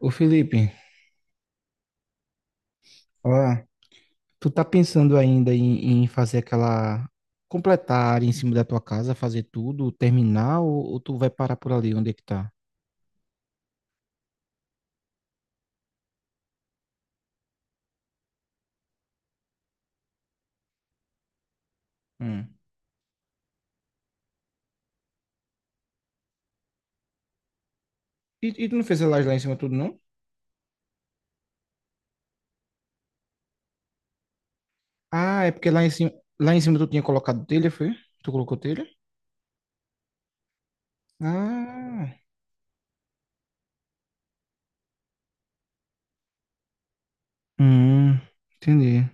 Ô Felipe, ah, tu tá pensando ainda em fazer aquela, completar a área em cima da tua casa, fazer tudo, terminar, ou, tu vai parar por ali, onde é que tá? Hum. E tu não fez a laje lá em cima tudo, não? Ah, é porque lá em cima tu tinha colocado telha, foi? Tu colocou telha? Ah, hum, entendi,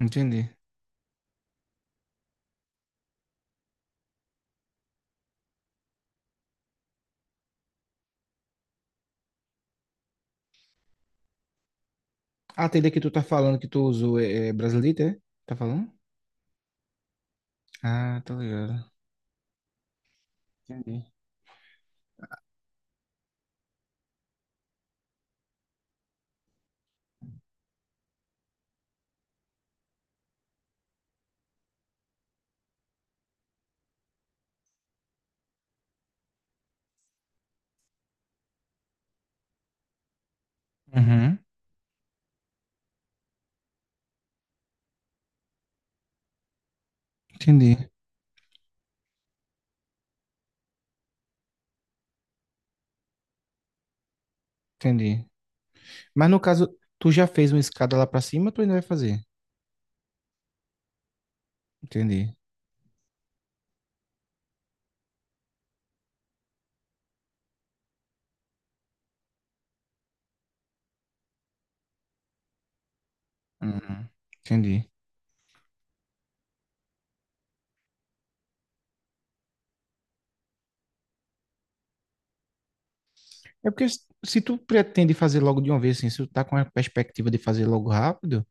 entendi. A telha que tu tá falando que tu usou é brasileira, é? Tá falando? Ah, tá ligado. Entendi. Uhum, entendi, entendi. Mas no caso, tu já fez uma escada lá pra cima, tu ainda vai fazer. Entendi. Uhum. Entendi. É porque se tu pretende fazer logo de uma vez, assim, se tu tá com a perspectiva de fazer logo rápido,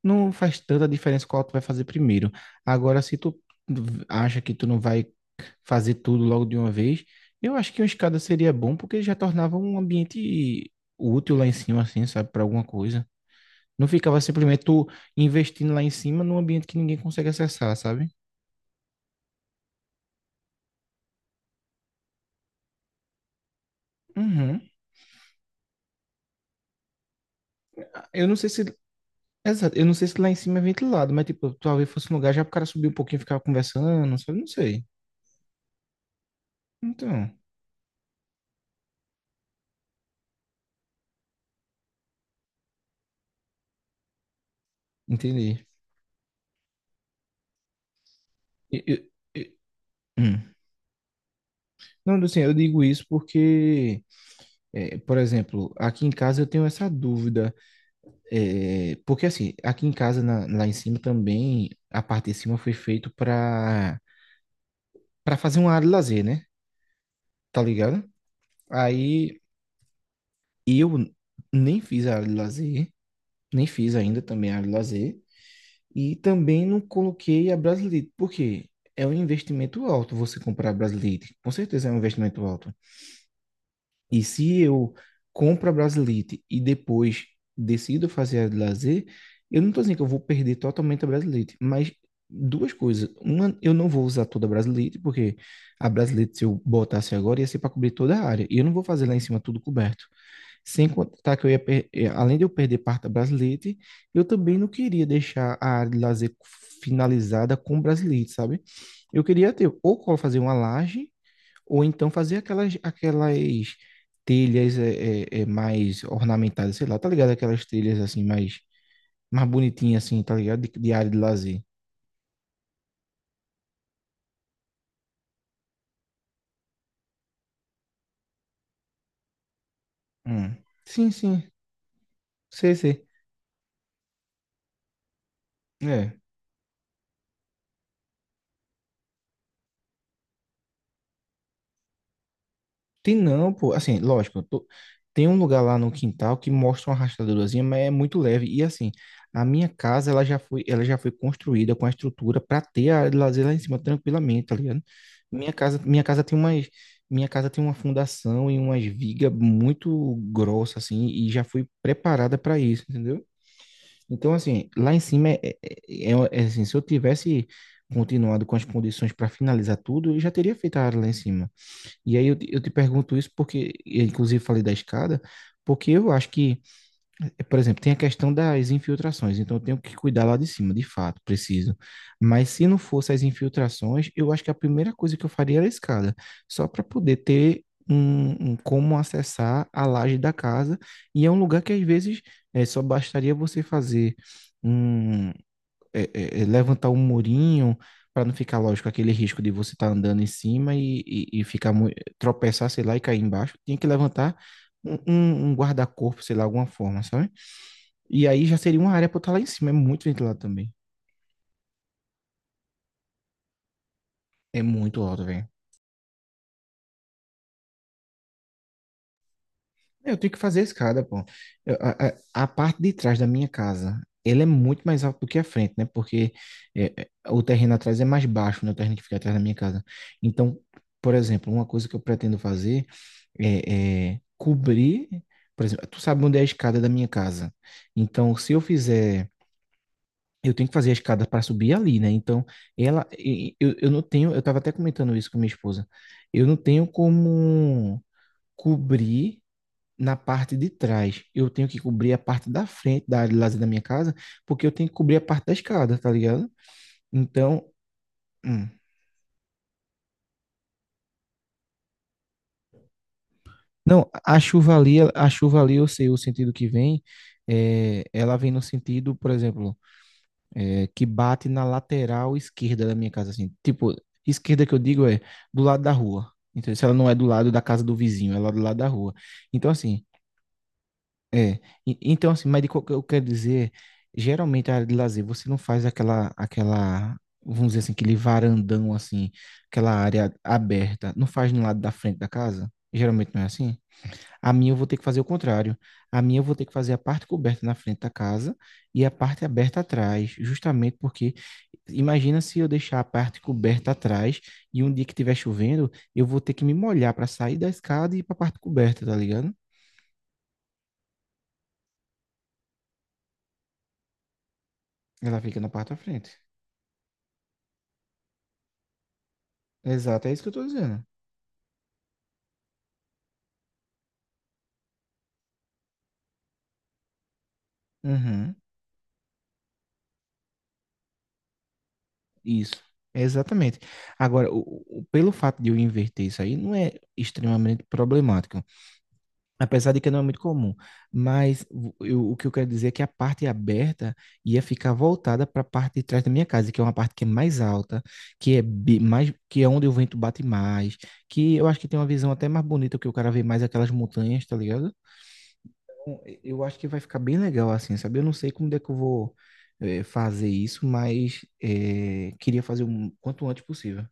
não faz tanta diferença qual tu vai fazer primeiro. Agora, se tu acha que tu não vai fazer tudo logo de uma vez, eu acho que uma escada seria bom porque já tornava um ambiente útil lá em cima, assim, sabe, para alguma coisa. Não ficava simplesmente tu investindo lá em cima num ambiente que ninguém consegue acessar, sabe? Uhum. Eu não sei se exato. Eu não sei se lá em cima é ventilado, mas tipo, talvez fosse um lugar já pro cara subir um pouquinho e ficar conversando, sabe? Não sei. Então, entendi. E- e- e- hum. Não, assim, eu digo isso porque, é, por exemplo, aqui em casa eu tenho essa dúvida. É, porque assim, aqui em casa, lá em cima também, a parte de cima foi feito para fazer uma área de lazer, né? Tá ligado? Aí eu nem fiz a área de lazer, nem fiz ainda também a área de lazer. E também não coloquei a Brasilite, porque é um investimento alto você comprar a Brasilite. Com certeza é um investimento alto. E se eu compro a Brasilite e depois decido fazer a de lazer, eu não estou dizendo que eu vou perder totalmente a Brasilite, mas duas coisas. Uma, eu não vou usar toda a Brasilite, porque a Brasilite, se eu botasse agora, ia ser para cobrir toda a área. E eu não vou fazer lá em cima tudo coberto. Sem contar que eu ia, além de eu perder parte da Brasilite, eu também não queria deixar a área de lazer finalizada com Brasilite, sabe? Eu queria ter ou fazer uma laje, ou então fazer aquelas telhas mais ornamentadas, sei lá, tá ligado? Aquelas telhas assim, mais bonitinhas assim, tá ligado? De área de lazer. Hum. Sim, sim, sei, sei. É. Tem não, pô. Assim, lógico, tem um lugar lá no quintal que mostra uma rachadurazinha, mas é muito leve. E assim, a minha casa, ela já foi construída com a estrutura para ter a área de lazer lá em cima tranquilamente, tá ligado? Minha casa tem umas, minha casa tem uma fundação e umas vigas muito grossas assim, e já foi preparada para isso, entendeu? Então, assim, lá em cima é, assim, se eu tivesse continuado com as condições para finalizar tudo, eu já teria feito a área lá em cima. E aí eu te pergunto isso porque, eu inclusive falei da escada, porque eu acho que, eh, por exemplo, tem a questão das infiltrações, então eu tenho que cuidar lá de cima, de fato, preciso. Mas se não fosse as infiltrações, eu acho que a primeira coisa que eu faria era a escada, só para poder ter um como acessar a laje da casa, e é um lugar que às vezes eh, só bastaria você fazer um levantar um murinho para não ficar, lógico, aquele risco de você estar andando em cima e tropeçar, sei lá, e cair embaixo. Tinha que levantar um guarda-corpo, sei lá, alguma forma, sabe? E aí já seria uma área para estar lá em cima. É muito ventilado também. É muito alto, velho. Eu tenho que fazer a escada, pô. Eu- a, a- a parte de trás da minha casa, ele é muito mais alto do que a frente, né? Porque o terreno atrás é mais baixo, né? O terreno que fica atrás da minha casa. Então, por exemplo, uma coisa que eu pretendo fazer é cobrir, por exemplo, tu sabe onde é a escada da minha casa. Então, se eu fizer, eu tenho que fazer a escada para subir ali, né? Então, ela, e- eu não tenho, eu estava até comentando isso com minha esposa, eu não tenho como cobrir na parte de trás. Eu tenho que cobrir a parte da frente da área de lazer da minha casa, porque eu tenho que cobrir a parte da escada, tá ligado? Então, hum. Não, a chuva ali, eu sei o sentido que vem. É, ela vem no sentido, por exemplo, é, que bate na lateral esquerda da minha casa, assim. Tipo, esquerda que eu digo é do lado da rua. Então, se ela não é do lado da casa do vizinho, ela é do lado da rua. Então, assim, é, então assim, mas de qual que eu quero dizer, geralmente a área de lazer, você não faz vamos dizer assim, aquele varandão assim, aquela área aberta, não faz no lado da frente da casa? Geralmente não é assim? A minha eu vou ter que fazer o contrário. A minha eu vou ter que fazer a parte coberta na frente da casa e a parte aberta atrás, justamente porque imagina se eu deixar a parte coberta atrás e um dia que estiver chovendo, eu vou ter que me molhar para sair da escada e ir para a parte coberta, tá ligado? Ela fica na parte da frente. Exato, é isso que eu tô dizendo. Uhum, isso, exatamente. Agora, pelo fato de eu inverter isso aí, não é extremamente problemático, apesar de que não é muito comum. Mas o que eu quero dizer é que a parte aberta ia ficar voltada para a parte de trás da minha casa, que é uma parte que é mais alta, que é que é onde o vento bate mais, que eu acho que tem uma visão até mais bonita, que o cara vê mais aquelas montanhas, tá ligado? Bom, eu acho que vai ficar bem legal assim, sabe? Eu não sei como é que eu vou eh, fazer isso, mas eh, queria fazer o quanto antes possível.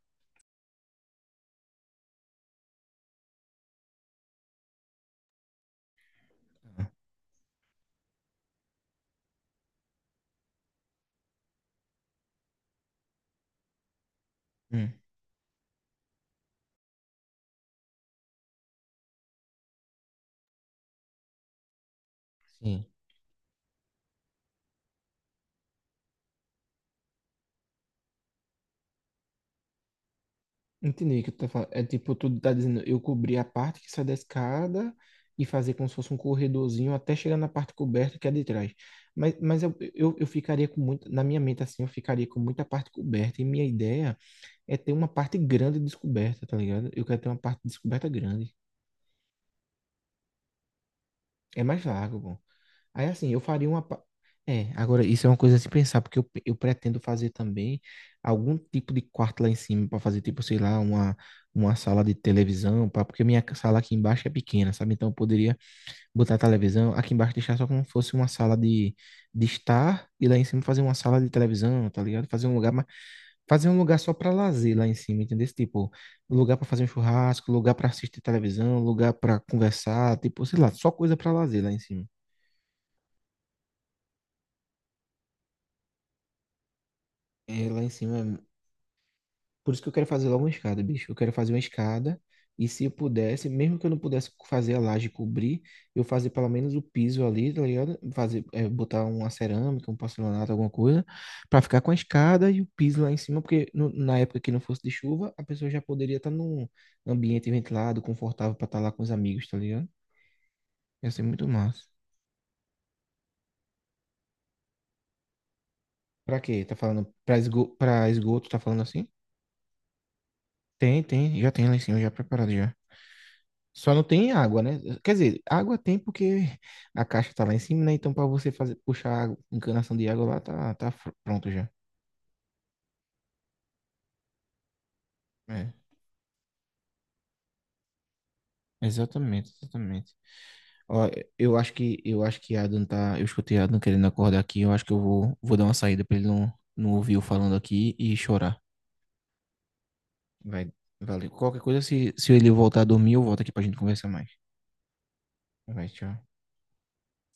Hum, sim. Entendi o que tu tá falando. É tipo, tu tá dizendo, eu cobrir a parte que sai da escada e fazer como se fosse um corredorzinho até chegar na parte coberta que é de trás. Mas, eu ficaria com muito, na minha mente assim, eu ficaria com muita parte coberta. E minha ideia é ter uma parte grande descoberta, tá ligado? Eu quero ter uma parte descoberta grande. É mais vago, bom. Aí assim, eu faria uma. Pa- é, agora isso é uma coisa a se pensar, porque eu pretendo fazer também algum tipo de quarto lá em cima para fazer, tipo, sei lá, uma sala de televisão, pra, porque sala aqui embaixo é pequena, sabe? Então eu poderia botar a televisão aqui embaixo, deixar só como se fosse uma sala de estar e lá em cima fazer uma sala de televisão, tá ligado? Fazer um lugar só para lazer lá em cima, entendeu? Esse tipo, lugar para fazer um churrasco, lugar para assistir televisão, lugar para conversar, tipo, sei lá, só coisa para lazer lá em cima. É, lá em cima. Por isso que eu quero fazer logo uma escada, bicho. Eu quero fazer uma escada. E se eu pudesse, mesmo que eu não pudesse fazer a laje cobrir, eu fazer pelo menos o piso ali, tá ligado? Fazer, é, botar uma cerâmica, um porcelanato, alguma coisa, pra ficar com a escada e o piso lá em cima, porque na época que não fosse de chuva, a pessoa já poderia estar num ambiente ventilado, confortável pra estar lá com os amigos, tá ligado? Ia ser muito massa. Pra quê? Tá falando pra esgoto, tá falando assim? Tem, tem, já tem lá em cima, já preparado já. Só não tem água, né? Quer dizer, água tem porque a caixa tá lá em cima, né? Então, para você fazer, encanação de água lá, pronto já. É, exatamente, Ó, eu acho que Adam tá, eu escutei Adam querendo acordar aqui, eu acho que vou dar uma saída para ele não ouvir eu falando aqui e chorar. Vai, valeu. Qualquer coisa, se ele voltar a dormir, eu volto aqui pra gente conversar mais. Vai, tchau.